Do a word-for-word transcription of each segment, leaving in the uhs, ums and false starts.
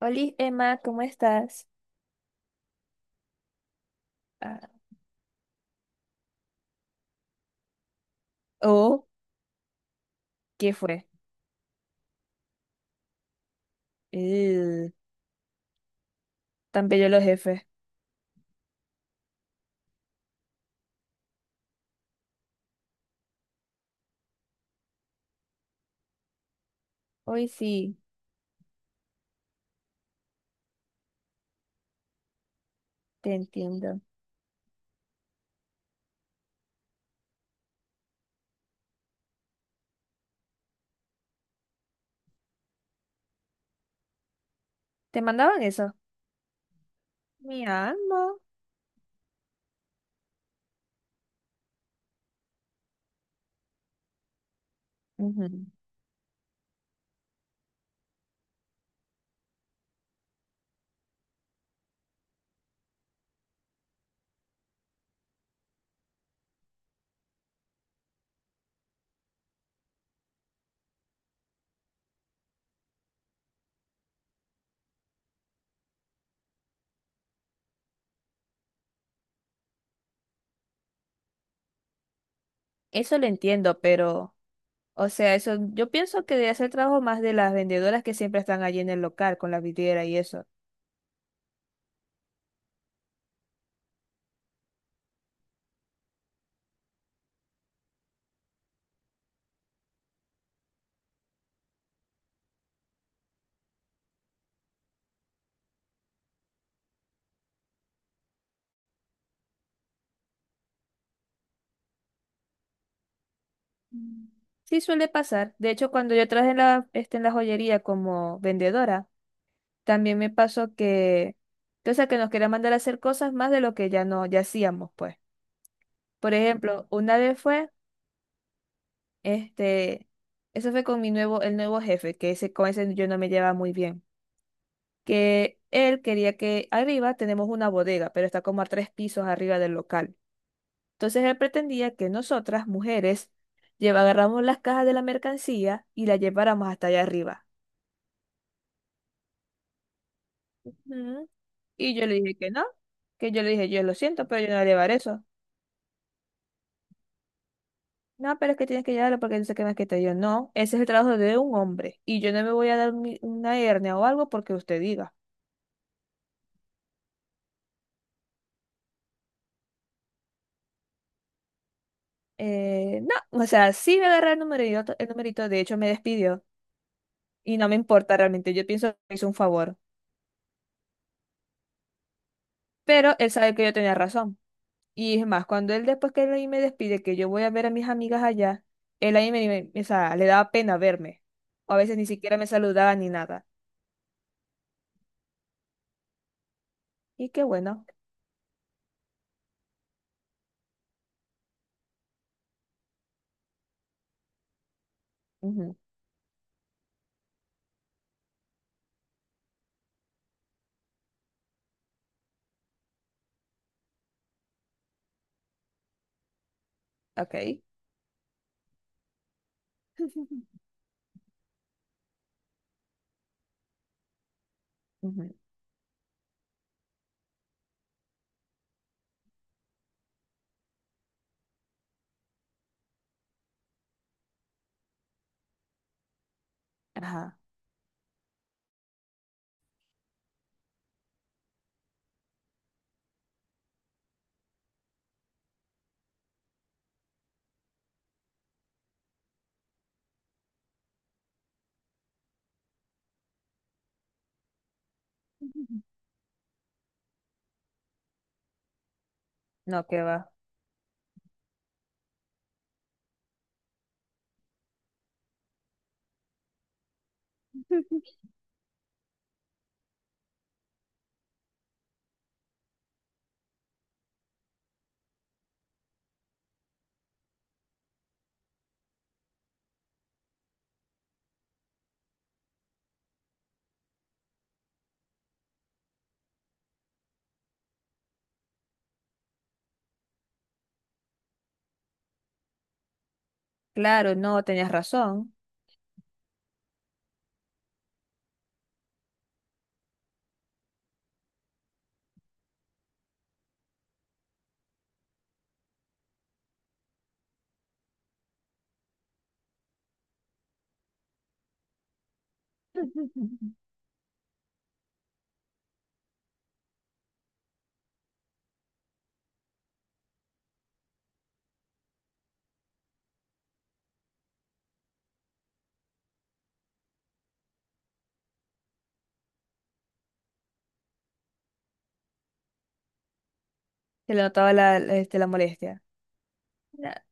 Hola Emma, ¿cómo estás? Ah, oh, ¿qué fue? Eh, tan bello los jefes. Hoy sí, te entiendo. ¿Te mandaban eso? Mi alma. Ujú. Eso lo entiendo, pero, o sea, eso, yo pienso que debe hacer trabajo más de las vendedoras que siempre están allí en el local con la vidriera y eso. Mm. Sí suele pasar. De hecho, cuando yo trabajé en la, este, en la joyería como vendedora, también me pasó que, o sea, que nos querían mandar a hacer cosas más de lo que ya no, ya hacíamos, pues. Por ejemplo, una vez fue, este, eso fue con mi nuevo, el nuevo jefe, que ese, con ese yo no me llevaba muy bien, que él quería que arriba tenemos una bodega, pero está como a tres pisos arriba del local. Entonces él pretendía que nosotras, mujeres, lleva- agarramos las cajas de la mercancía y las lleváramos hasta allá arriba. Ujú. Y yo le dije que no, que yo le dije, yo lo siento, pero yo no voy a llevar eso. No, pero es que tienes que ayudarlo porque él se quema que te dio. No, ese es el trabajo de un hombre. Y yo no me voy a dar mi- una hernia o algo porque usted diga. Eh, no, o sea, sí me agarré el numerito, el numerito, de hecho me despidió. Y no me importa realmente, yo pienso que me hizo un favor. Pero él sabe que yo tenía razón. Y es más, cuando él después que él ahí me despide, que yo voy a ver a mis amigas allá, él ahí me, me- o sea, le daba pena verme. O a veces ni siquiera me saludaba ni nada. Y qué bueno. Ujú, ok. Ujú, ajá. No, qué va. Claro, no, tenías razón. Se le notaba la, la- este, la molestia. Na-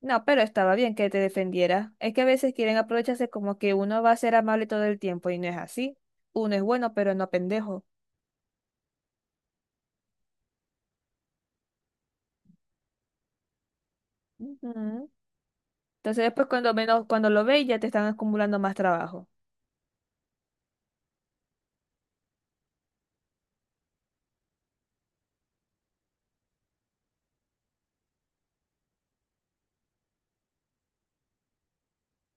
No, pero estaba bien que te defendiera. Es que a veces quieren aprovecharse como que uno va a ser amable todo el tiempo y no es así. Uno es bueno, pero no pendejo. Ujú. Entonces después cuando menos, cuando lo veis ya te están acumulando más trabajo.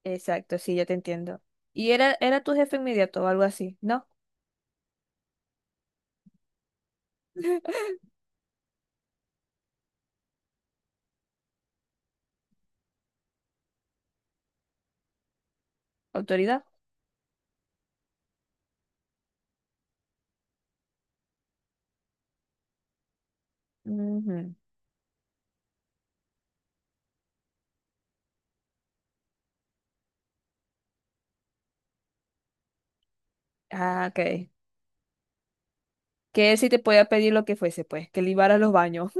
Exacto, sí, ya te entiendo. Y era, era tu jefe inmediato o algo así, ¿no? ¿Autoridad? Ujú. Ah, ok. Que él sí te podía pedir lo que fuese, pues, que libara los baños.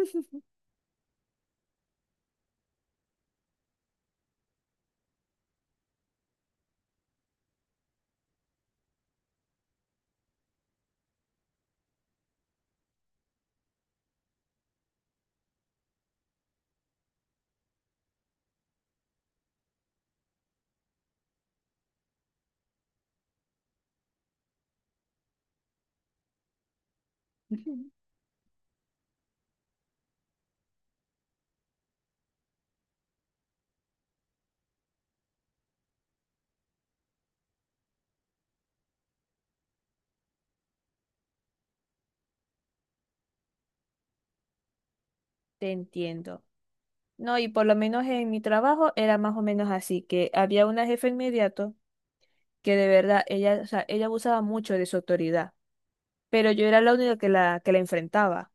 Te entiendo. No, y por lo menos en mi trabajo era más o menos así, que había una jefa inmediato que de verdad ella, o sea, ella abusaba mucho de su autoridad, pero yo era la única que la, que la enfrentaba.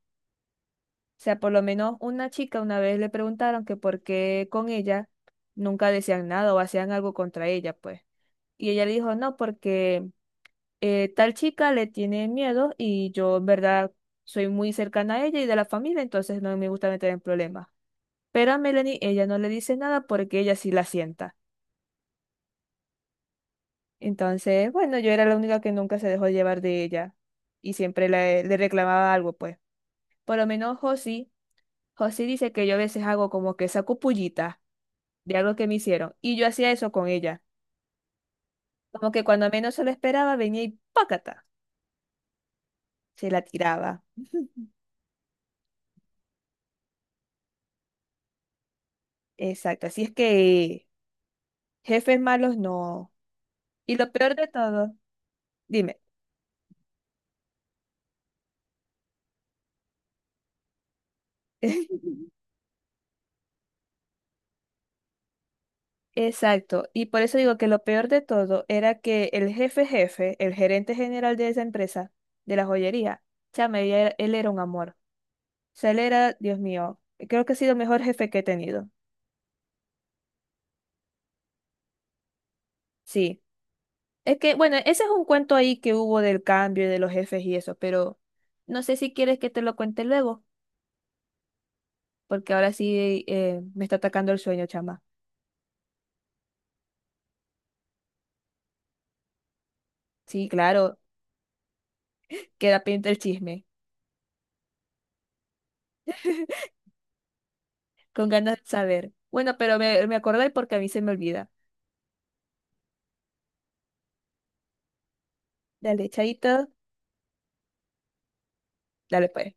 O sea, por lo menos una chica una vez le preguntaron que por qué con ella nunca decían nada o hacían algo contra ella, pues. Y ella le dijo, no, porque eh, tal chica le tiene miedo y yo en verdad soy muy cercana a ella y de la familia, entonces no me gusta meter en problemas. Pero a Melanie ella no le dice nada porque ella sí la sienta. Entonces, bueno, yo era la única que nunca se dejó llevar de ella y siempre le, le reclamaba algo, pues. Por lo menos Josi, Josi dice que yo a veces hago como que saco pullita de algo que me hicieron y yo hacía eso con ella. Como que cuando menos se lo esperaba venía y ¡pácata! Se la tiraba. Exacto, así es que jefes malos no. Y lo peor de todo, dime. Exacto, y por eso digo que lo peor de todo era que el jefe jefe, el gerente general de esa empresa, de la joyería, chama, ella era- él era un amor. O sea, él era, Dios mío, creo que ha sido el mejor jefe que he tenido. Sí, es que, bueno, ese es un cuento ahí que hubo del cambio y de los jefes y eso, pero no sé si quieres que te lo cuente luego, porque ahora sí eh, me está atacando el sueño, chama. Sí, claro, queda pendiente el chisme, con ganas de saber. Bueno, pero me, me acordé porque a mí se me olvida. Dale, chaito. Dale pues.